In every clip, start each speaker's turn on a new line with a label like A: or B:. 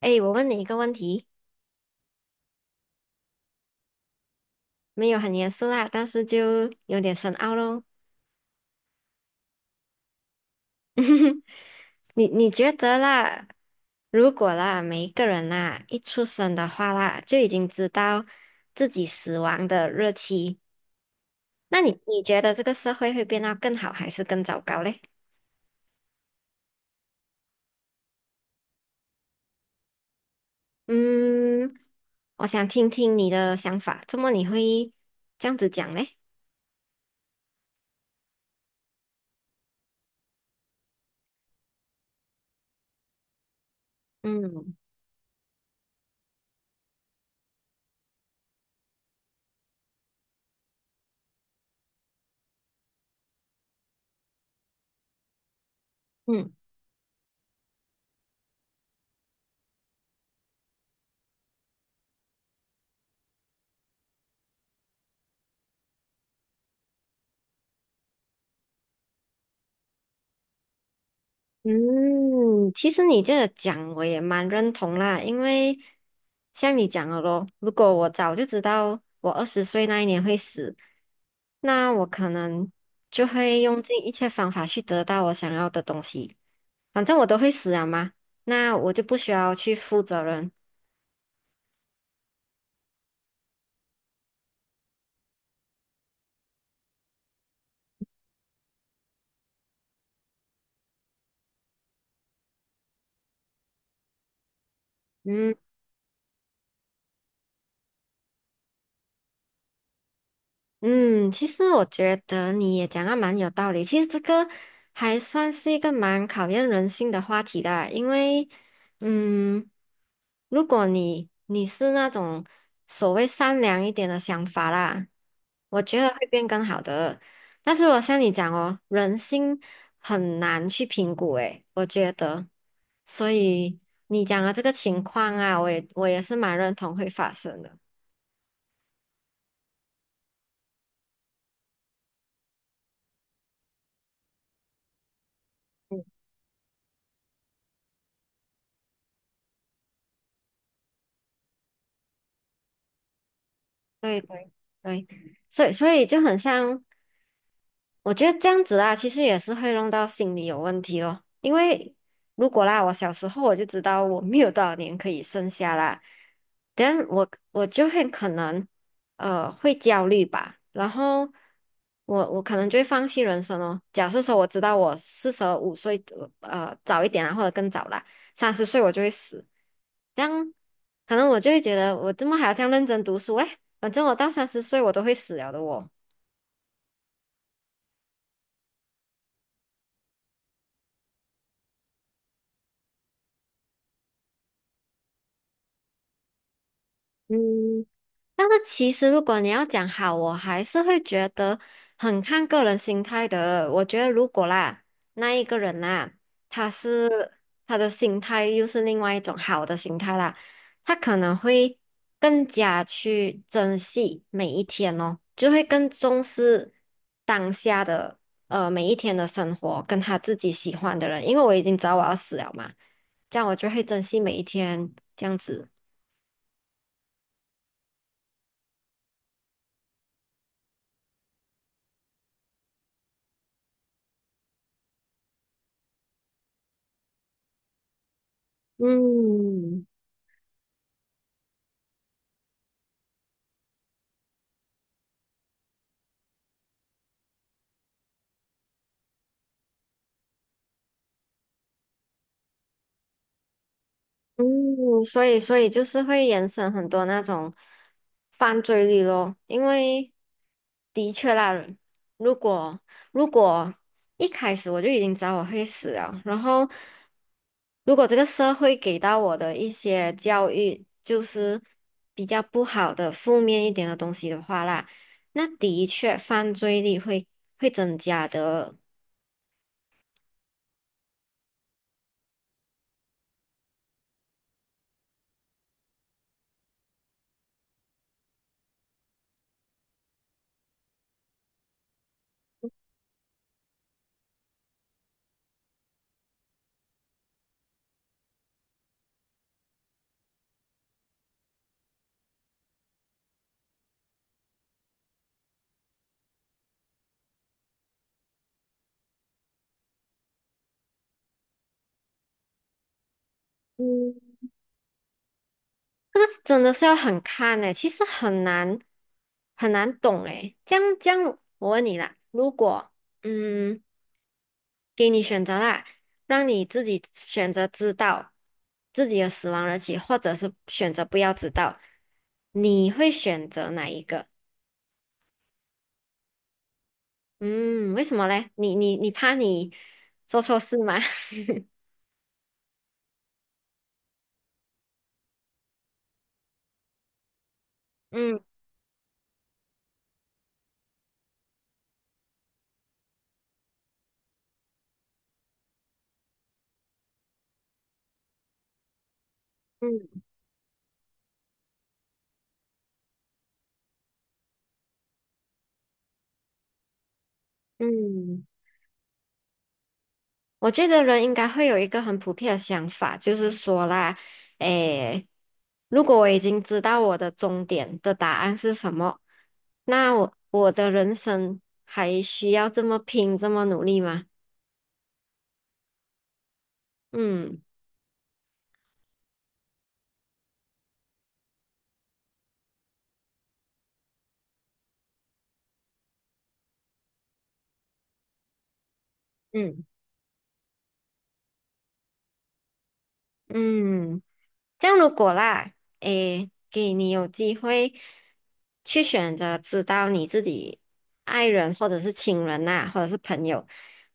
A: 哎，我问你一个问题，没有很严肃啦，但是就有点深奥咯。你觉得啦，如果啦，每一个人啦，一出生的话啦，就已经知道自己死亡的日期，那你觉得这个社会会变得更好还是更糟糕嘞？嗯，我想听听你的想法，怎么你会这样子讲嘞？嗯嗯。嗯，其实你这个讲我也蛮认同啦，因为像你讲的咯，如果我早就知道我二十岁那一年会死，那我可能就会用尽一切方法去得到我想要的东西。反正我都会死了嘛，那我就不需要去负责任。嗯，嗯，其实我觉得你也讲的蛮有道理。其实这个还算是一个蛮考验人性的话题的啊，因为，嗯，如果你是那种所谓善良一点的想法啦，我觉得会变更好的。但是我像你讲哦，人心很难去评估，诶，我觉得，所以你讲的这个情况啊，我也是蛮认同会发生的。对对对，所以就很像，我觉得这样子啊，其实也是会弄到心理有问题咯。因为如果啦，我小时候我就知道我没有多少年可以剩下啦，但我就会可能会焦虑吧，然后我可能就会放弃人生哦。假设说我知道我45岁早一点啊，或者更早啦，三十岁我就会死，这样可能我就会觉得我怎么还要这样认真读书嘞？反正我到三十岁我都会死了的我。嗯，但是其实如果你要讲好，我还是会觉得很看个人心态的。我觉得如果啦，那一个人啦，他是他的心态又是另外一种好的心态啦，他可能会更加去珍惜每一天哦，就会更重视当下的每一天的生活，跟他自己喜欢的人。因为我已经知道我要死了嘛，这样我就会珍惜每一天，这样子。嗯。嗯，所以就是会延伸很多那种犯罪率咯，因为的确啦，如果如果一开始我就已经知道我会死了，然后如果这个社会给到我的一些教育就是比较不好的、负面一点的东西的话啦，那的确犯罪率会增加的。嗯。这个真的是要很看诶，其实很难懂诶。这样这样，我问你啦，如果嗯给你选择啦，让你自己选择知道自己的死亡日期，或者是选择不要知道，你会选择哪一个？嗯，为什么嘞？你怕你做错事吗？嗯嗯嗯。我觉得人应该会有一个很普遍的想法，就是说啦，诶，如果我已经知道我的终点的答案是什么，那我的人生还需要这么拼，这么努力吗？嗯嗯嗯。这样如果啦，诶，给你有机会去选择知道你自己爱人或者是亲人呐、或者是朋友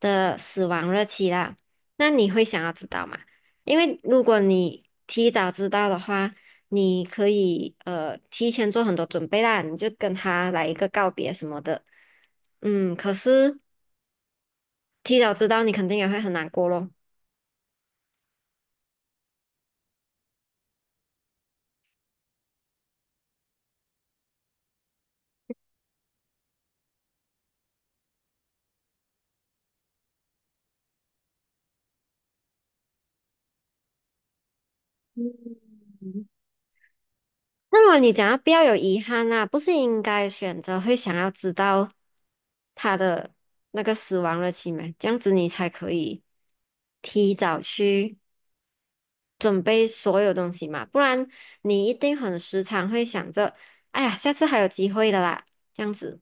A: 的死亡日期啦，那你会想要知道吗？因为如果你提早知道的话，你可以提前做很多准备啦，你就跟他来一个告别什么的。嗯，可是提早知道你肯定也会很难过咯。那么你讲要不要有遗憾啊？不是应该选择会想要知道他的那个死亡日期吗？这样子你才可以提早去准备所有东西嘛，不然你一定很时常会想着，哎呀，下次还有机会的啦，这样子。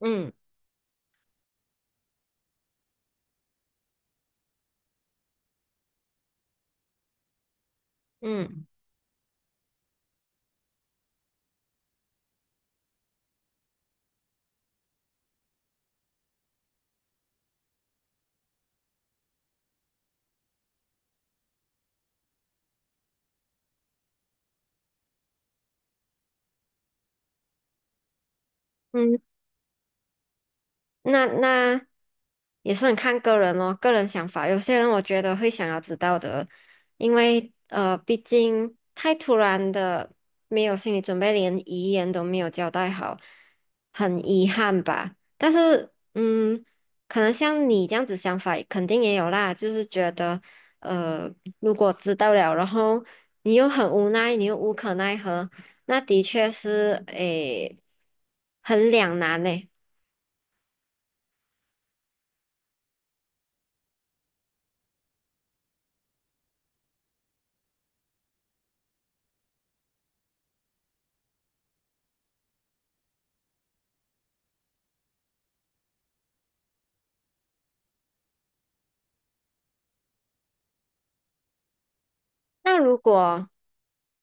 A: 嗯嗯嗯。那也是很看个人哦，个人想法。有些人我觉得会想要知道的，因为毕竟太突然的，没有心理准备，连遗言都没有交代好，很遗憾吧。但是，嗯，可能像你这样子想法，肯定也有啦，就是觉得，呃，如果知道了，然后你又很无奈，你又无可奈何，那的确是，诶，很两难呢。那如果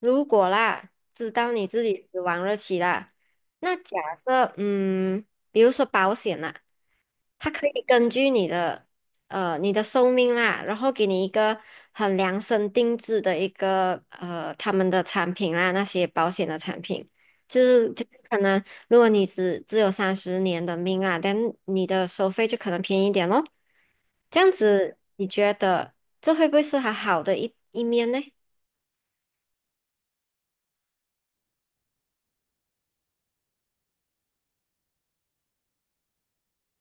A: 如果啦，知道你自己死亡日期啦，那假设嗯，比如说保险啦，它可以根据你的你的寿命啦，然后给你一个很量身定制的一个他们的产品啦，那些保险的产品，就是可能如果你只有30年的命啊，但你的收费就可能便宜一点咯。这样子，你觉得这会不会是它好的一面呢？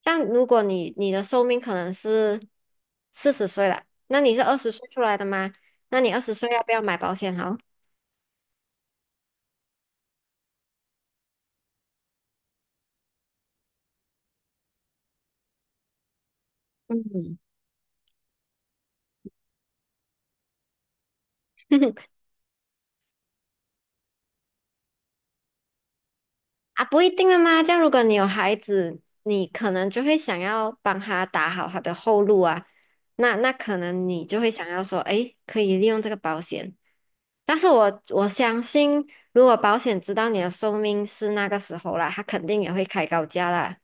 A: 这样，如果你的寿命可能是40岁了，那你是二十岁出来的吗？那你二十岁要不要买保险好？嗯，啊，不一定了吗？这样，如果你有孩子，你可能就会想要帮他打好他的后路啊。那可能你就会想要说，诶，可以利用这个保险。但是我相信，如果保险知道你的寿命是那个时候啦，他肯定也会开高价啦。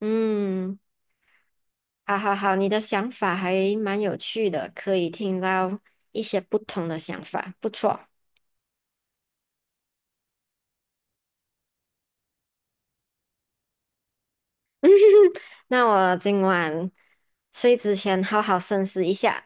A: 嗯。好好好，你的想法还蛮有趣的，可以听到一些不同的想法，不错。那我今晚睡之前好好深思一下。